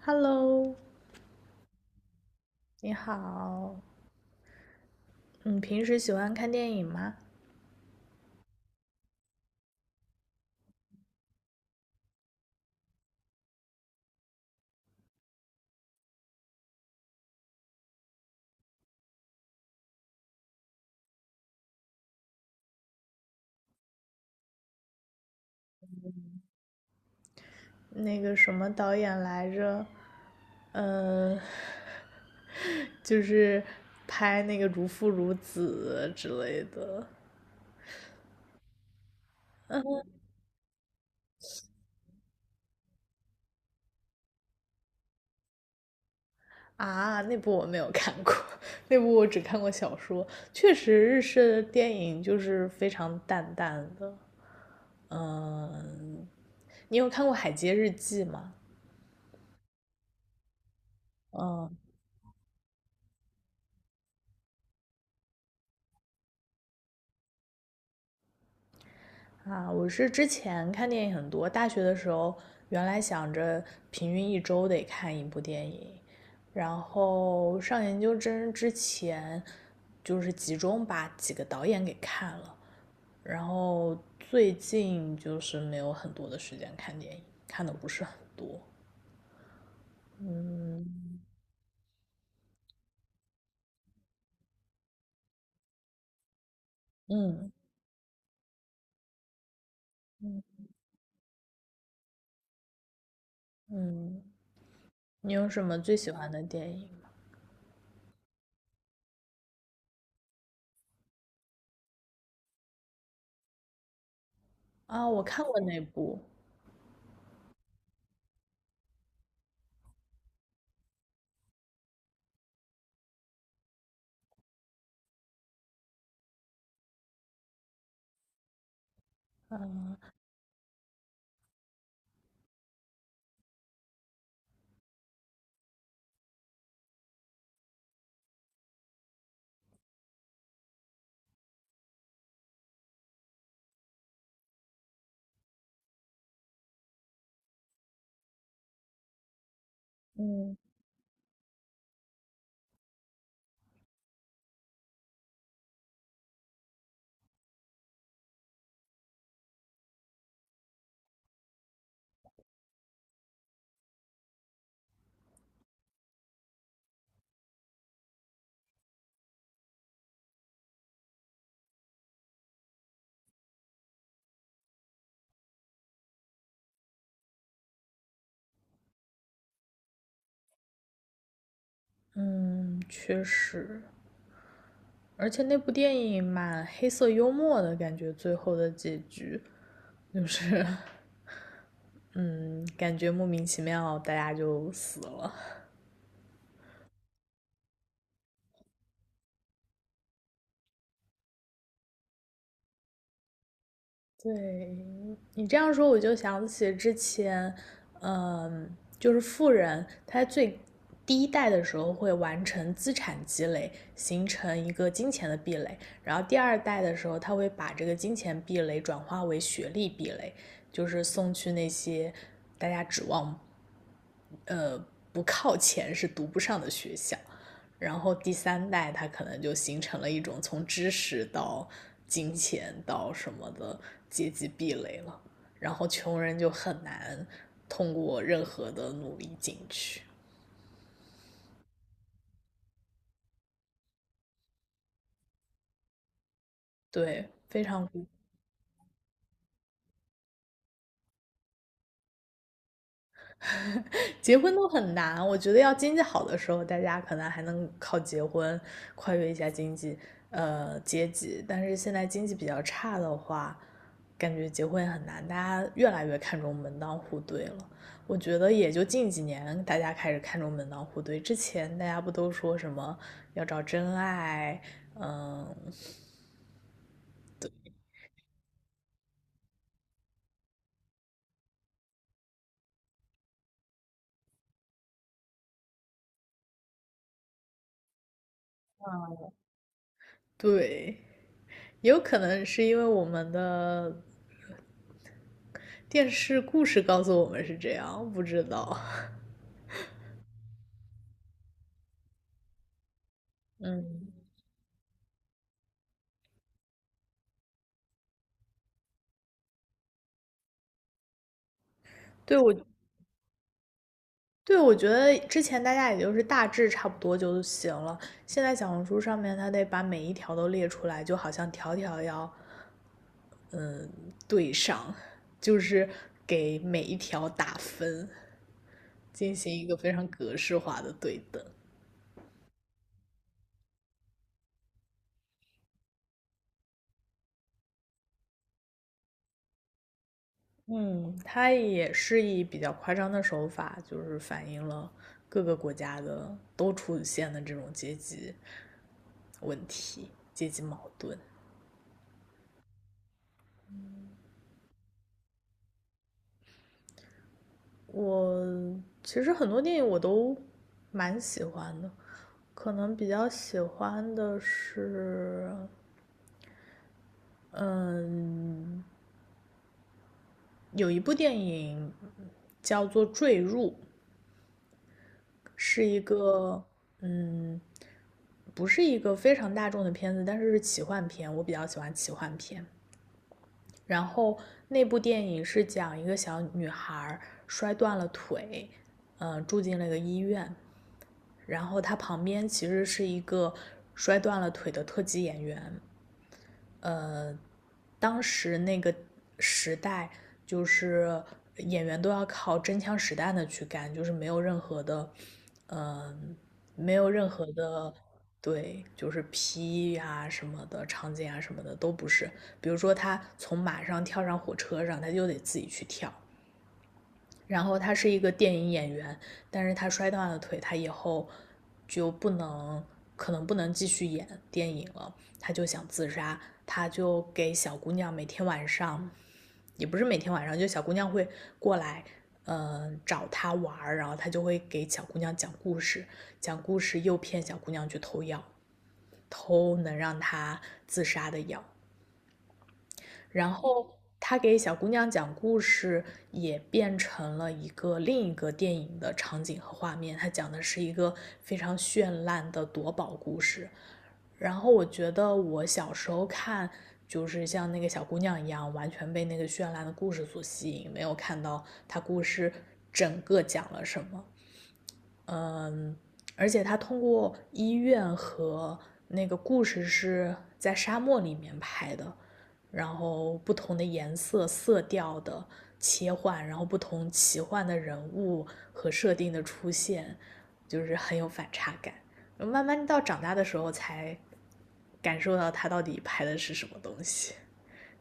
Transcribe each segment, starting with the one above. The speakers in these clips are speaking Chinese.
Hello，你好，你平时喜欢看电影吗？那个什么导演来着？呃，就是拍那个《如父如子》之类的。啊，那部我没有看过，那部我只看过小说。确实，日式的电影就是非常淡淡的。嗯，你有看过《海街日记》吗？嗯，啊，我是之前看电影很多，大学的时候原来想着平均一周得看一部电影，然后上研究生之前就是集中把几个导演给看了，然后最近就是没有很多的时间看电影，看的不是很多。嗯嗯嗯，你有什么最喜欢的电影？啊？我看过那部。嗯。嗯，确实。而且那部电影蛮黑色幽默的感觉，最后的结局就是，嗯，感觉莫名其妙大家就死了。对，你这样说，我就想起之前，嗯，就是富人他第一代的时候会完成资产积累，形成一个金钱的壁垒，然后第二代的时候他会把这个金钱壁垒转化为学历壁垒，就是送去那些大家指望。不靠钱是读不上的学校。然后第三代他可能就形成了一种从知识到金钱到什么的阶级壁垒了，然后穷人就很难通过任何的努力进去。对，非常。结婚都很难，我觉得要经济好的时候，大家可能还能靠结婚跨越一下经济，阶级，但是现在经济比较差的话，感觉结婚也很难，大家越来越看重门当户对了。我觉得也就近几年大家开始看重门当户对，之前大家不都说什么要找真爱，嗯，对，也有可能是因为我们的电视故事告诉我们是这样，不知道。对，我对，我觉得之前大家也就是大致差不多就行了。现在小红书上面，它得把每一条都列出来，就好像条条要对上，就是给每一条打分，进行一个非常格式化的对等。嗯，它也是以比较夸张的手法，就是反映了各个国家的都出现的这种阶级问题、阶级矛盾。我其实很多电影我都蛮喜欢的。可能比较喜欢的是，嗯，有一部电影叫做《坠入》，是一个，嗯，不是一个非常大众的片子，但是是奇幻片，我比较喜欢奇幻片。然后那部电影是讲一个小女孩摔断了腿，嗯，住进了一个医院，然后她旁边其实是一个摔断了腿的特级演员，当时那个时代，就是演员都要靠真枪实弹的去干，就是没有任何的，嗯，没有任何的，对，就是 P 啊什么的场景啊什么的都不是。比如说他从马上跳上火车上，他就得自己去跳，然后他是一个电影演员，但是他摔断了腿，他以后就不能，可能不能继续演电影了，他就想自杀，他就给小姑娘每天晚上，也不是每天晚上，就小姑娘会过来，找他玩然后他就会给小姑娘讲故事，讲故事诱骗小姑娘去偷药，偷能让她自杀的药，然后他给小姑娘讲故事，也变成了一个另一个电影的场景和画面。他讲的是一个非常绚烂的夺宝故事。然后我觉得我小时候看，就是像那个小姑娘一样，完全被那个绚烂的故事所吸引，没有看到他故事整个讲了什么。嗯，而且他通过医院和那个故事是在沙漠里面拍的，然后不同的颜色、色调的切换，然后不同奇幻的人物和设定的出现，就是很有反差感。慢慢到长大的时候才感受到他到底拍的是什么东西。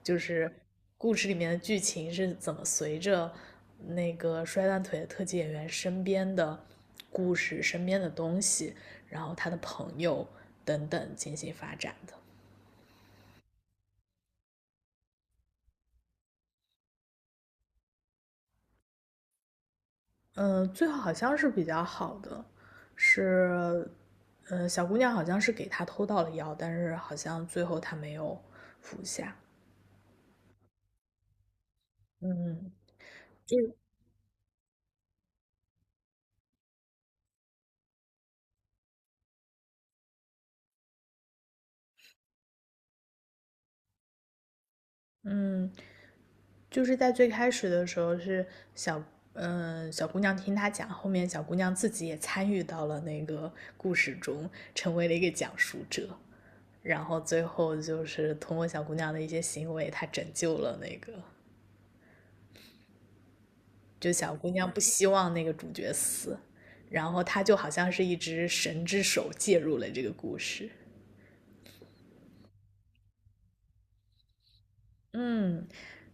就是故事里面的剧情是怎么随着那个摔断腿的特技演员身边的故事、身边的东西，然后他的朋友等等进行发展的。嗯，最后好像是比较好的，是，嗯，小姑娘好像是给他偷到了药，但是好像最后他没有服下。嗯，就是嗯，就是在最开始的时候是小，嗯、小姑娘听他讲，后面小姑娘自己也参与到了那个故事中，成为了一个讲述者，然后最后就是通过小姑娘的一些行为，她拯救了那个，就小姑娘不希望那个主角死，然后她就好像是一只神之手介入了这个故事。嗯。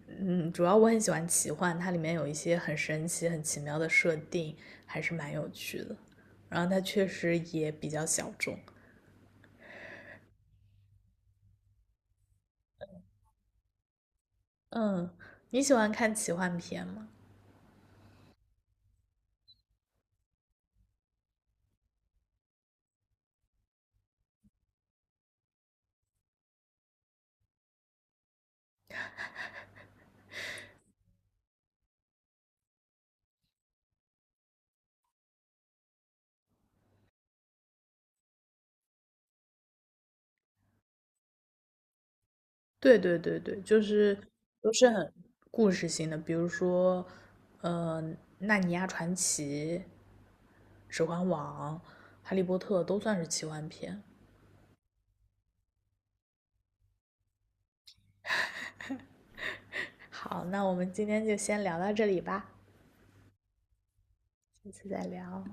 嗯，主要我很喜欢奇幻，它里面有一些很神奇、很奇妙的设定，还是蛮有趣的。然后它确实也比较小众。嗯，你喜欢看奇幻片吗？对对对对，就是都是很故事性的，比如说，呃，《纳尼亚传奇》《指环王》《哈利波特》都算是奇幻片。好，那我们今天就先聊到这里吧，下次再聊。